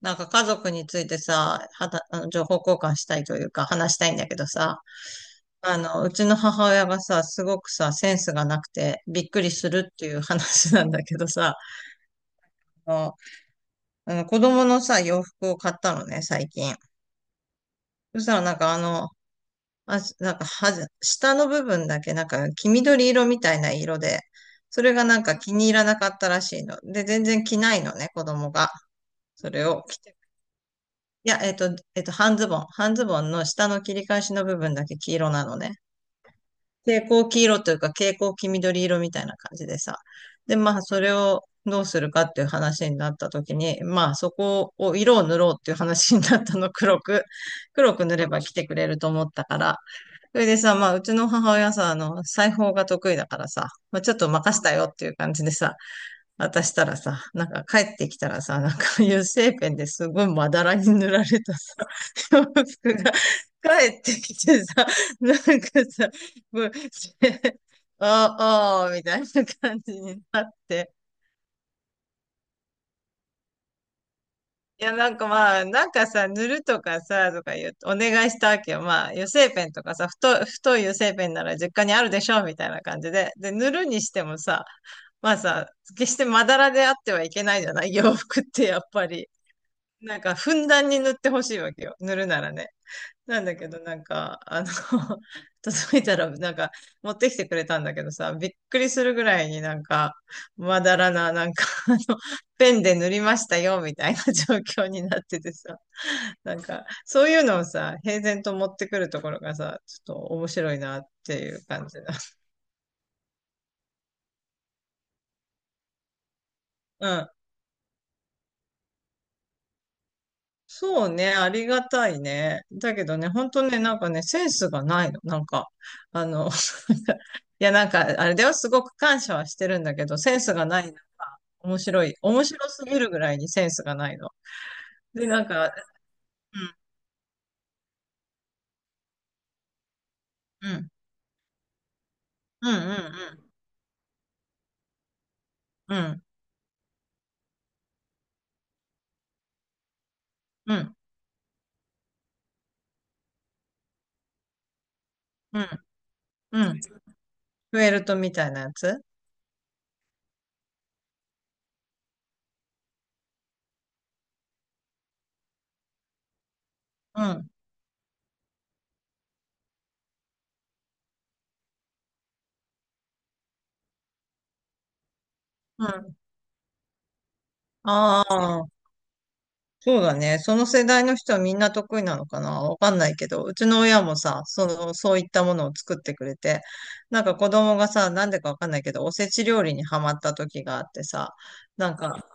なんか家族についてさ、はた、あの、情報交換したいというか話したいんだけどさ、うちの母親がさ、すごくさ、センスがなくてびっくりするっていう話なんだけどさ、あの、子供のさ、洋服を買ったのね、最近。そしたらなんかあ、なんかはず、下の部分だけなんか黄緑色みたいな色で、それがなんか気に入らなかったらしいの。で、全然着ないのね、子供が。それを着ていや、半ズボン。半ズボンの下の切り返しの部分だけ黄色なのね。蛍光黄色というか蛍光黄緑色みたいな感じでさ。で、まあ、それをどうするかっていう話になった時に、まあ、そこを色を塗ろうっていう話になったの、黒く。黒く塗れば来てくれると思ったから。それでさ、まあ、うちの母親さ、裁縫が得意だからさ、まあ、ちょっと任せたよっていう感じでさ、渡したらさ、なんか帰ってきたらさ、なんか油性ペンですごいまだらに塗られたさ、洋服が帰ってきてさ、なんかさ、もう、ああー、みたいな感じになって。いや、なんかまあ、なんかさ、塗るとかさ、とか言う、お願いしたわけよ。まあ、油性ペンとかさ、太い油性ペンなら実家にあるでしょ、みたいな感じで。で、塗るにしてもさ、まあさ、決してまだらであってはいけないじゃない洋服ってやっぱり。なんか、ふんだんに塗ってほしいわけよ。塗るならね。なんだけど、なんか、届いたら、なんか、持ってきてくれたんだけどさ、びっくりするぐらいになんか、まだらな、なんか、ペンで塗りましたよ、みたいな状況になっててさ、なんか、そういうのをさ、平然と持ってくるところがさ、ちょっと面白いなっていう感じだ。うん。そうね、ありがたいね。だけどね、本当ね、なんかね、センスがないの。なんか、あの、いや、なんか、あれではすごく感謝はしてるんだけど、センスがないのが面白い。面白すぎるぐらいにセンスがないの。で、なんか、うん、うん、うん、うん、うん、うん、うん、うん、うん、フェルトみたいなやつうん、うん、ああそうだね。その世代の人はみんな得意なのかなわかんないけど、うちの親もさ、その、そういったものを作ってくれて、なんか子供がさ、なんでかわかんないけど、おせち料理にハマった時があってさ、なんか、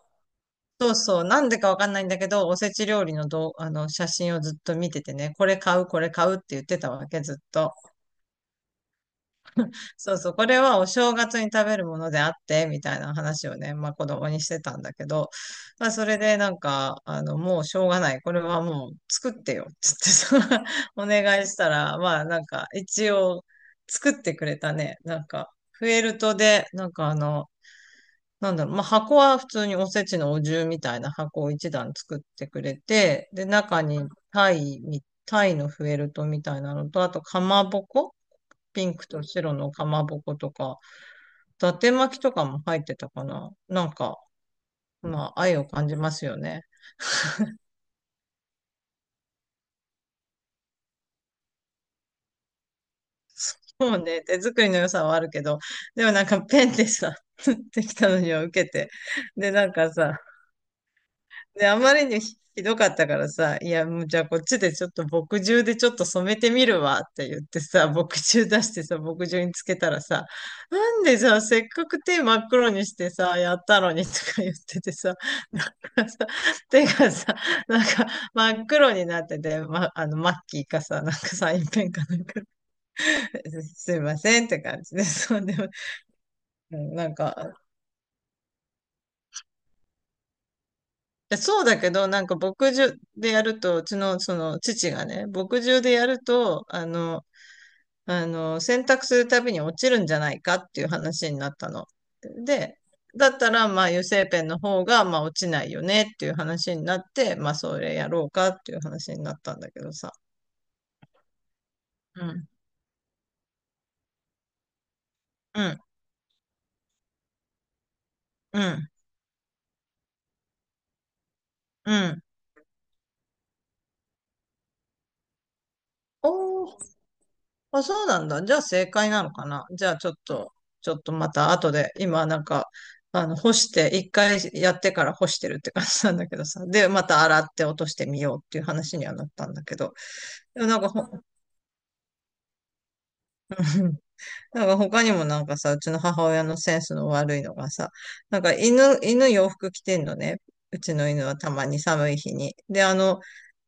そうそう、なんでかわかんないんだけど、おせち料理のどう、写真をずっと見ててね、これ買う、これ買うって言ってたわけ、ずっと。そうそう、これはお正月に食べるものであって、みたいな話をね、まあ子供にしてたんだけど、まあそれでなんか、もうしょうがない。これはもう作ってよ。つってさ、お願いしたら、まあなんか一応作ってくれたね。なんか、フェルトで、なんかなんだろう、まあ箱は普通におせちのお重みたいな箱を一段作ってくれて、で、中にタイのフェルトみたいなのと、あとかまぼこピンクと白のかまぼことか、伊達巻きとかも入ってたかな。なんか、まあ、愛を感じますよね。もうね、手作りの良さはあるけど、でもなんかペンでさ、できたのには受けて。で、なんかさ、で、あまりにひどかったからさ、いや、もうじゃあこっちでちょっと墨汁でちょっと染めてみるわって言ってさ、墨汁出してさ、墨汁につけたらさ、なんでさ、せっかく手真っ黒にしてさ、やったのにとか言っててさ、なんかさ、手がさ、なんか真っ黒になってて、ま、マッキーかさ、なんかサインペンかなんか、すいませんって感じで、そうでも、なんか、でそうだけど、なんか牧場でやると、うちのその父がね、牧場でやると、洗濯するたびに落ちるんじゃないかっていう話になったの。で、だったら、まあ、油性ペンの方が、まあ、落ちないよねっていう話になって、まあ、それやろうかっていう話になったんだけどさ。うん、うん、うん、うん。おーあ、そうなんだ。じゃあ正解なのかな。じゃあちょっと、ちょっとまた後で、今なんか、干して、一回やってから干してるって感じなんだけどさ。で、また洗って落としてみようっていう話にはなったんだけど。でもなんかほ、なんか他にもなんかさ、うちの母親のセンスの悪いのがさ、なんか犬洋服着てんのね。うちの犬はたまに寒い日に。で、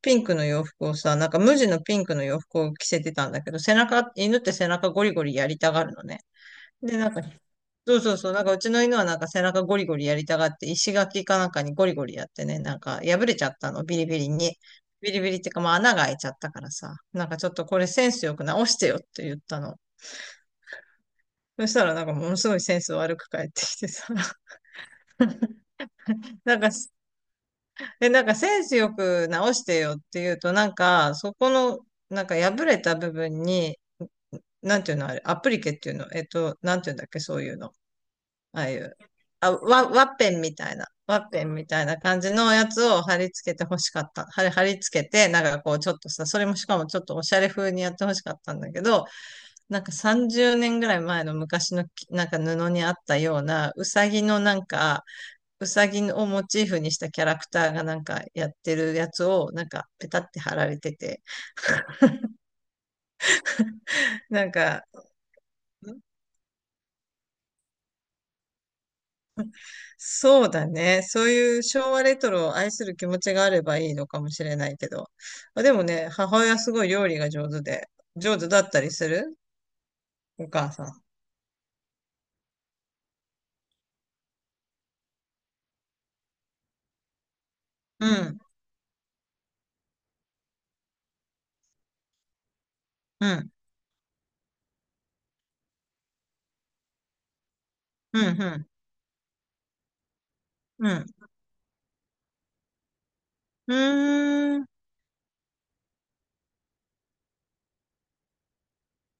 ピンクの洋服をさ、なんか無地のピンクの洋服を着せてたんだけど、背中、犬って背中ゴリゴリやりたがるのね。で、なんか、そうそうそう、なんかうちの犬はなんか背中ゴリゴリやりたがって、石垣かなんかにゴリゴリやってね、なんか破れちゃったの、ビリビリに。ビリビリってか、まあ穴が開いちゃったからさ、なんかちょっとこれセンスよく直してよって言ったの。そしたらなんかものすごいセンス悪く返ってきてさ、なんか、え、なんかセンスよく直してよって言うと、なんかそこの、なんか破れた部分に、なんていうのあれ、アプリケっていうの、なんていうんだっけ、そういうの。ああいう。あ、ワッペンみたいな、ワッペンみたいな感じのやつを貼り付けて欲しかった。貼り付けて、なんかこうちょっとさ、それもしかもちょっとおしゃれ風にやって欲しかったんだけど、なんか30年ぐらい前の昔のきなんか布にあったような、うさぎのなんか、うさぎをモチーフにしたキャラクターがなんかやってるやつをなんかペタって貼られてて、なんか、そうだね。そういう昭和レトロを愛する気持ちがあればいいのかもしれないけど。あでもね、母親すごい料理が上手で、上手だったりするお母さん。うん、うん、うん、うん、うん。うーん、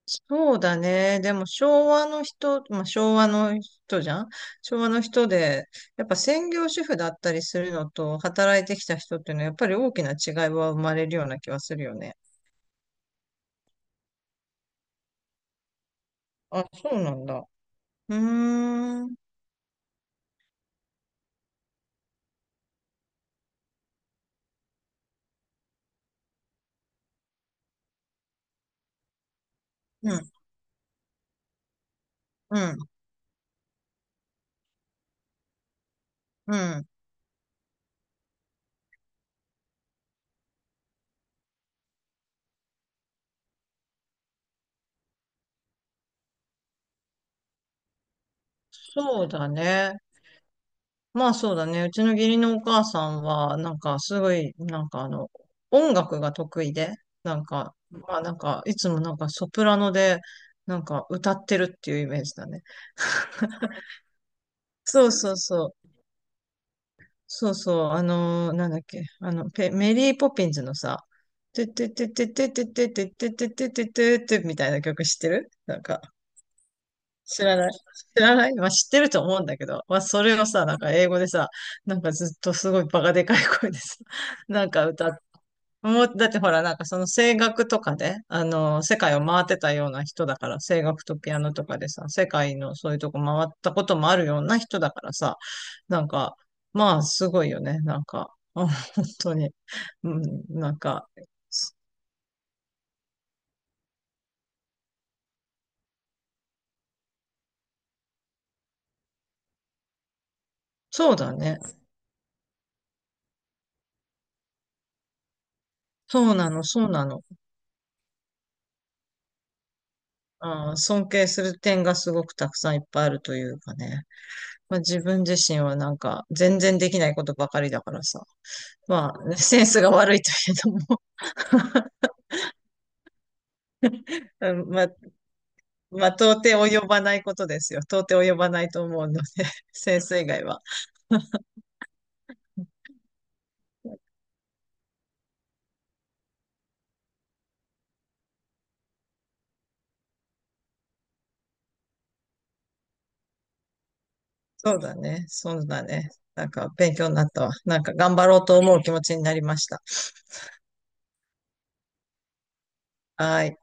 そうだね。でも昭和の人、まあ、昭和の人じゃん昭和の人で、やっぱ専業主婦だったりするのと働いてきた人っていうのはやっぱり大きな違いは生まれるような気はするよね。あ、そうなんだ。うーん、うん、うん。うん。そうだね。まあそうだね。うちの義理のお母さんは、なんかすごい、なんか音楽が得意で、なんか、まあなんか、いつもなんかソプラノで、なんか歌ってるっていうイメージだね。そうそうそう。そうそう。あのーなんだっけ。ペメリーポピンズのさ、てててててててててててててててみたいな曲知ってるなんか。知らない。知らない。まあ、知ってると思うんだけど、まあ、それをさ、なんか英語でさ、なんかずっとすごいバカでかい声でさ、なんか歌っもう、だってほら、なんかその声楽とかで、世界を回ってたような人だから、声楽とピアノとかでさ、世界のそういうとこ回ったこともあるような人だからさ、なんか、まあ、すごいよね。なんか、あ本当に。うん、なんか、そうだね。そうなの、そうなの。うん、尊敬する点がすごくたくさんいっぱいあるというかね。まあ、自分自身はなんか全然できないことばかりだからさ。まあ、ねセンスが悪いといえども、うんまあ、まあ、到底及ばないことですよ。到底及ばないと思うので、センス以外は。そうだね。そうだね。なんか勉強になったわ。なんか頑張ろうと思う気持ちになりました。はーい。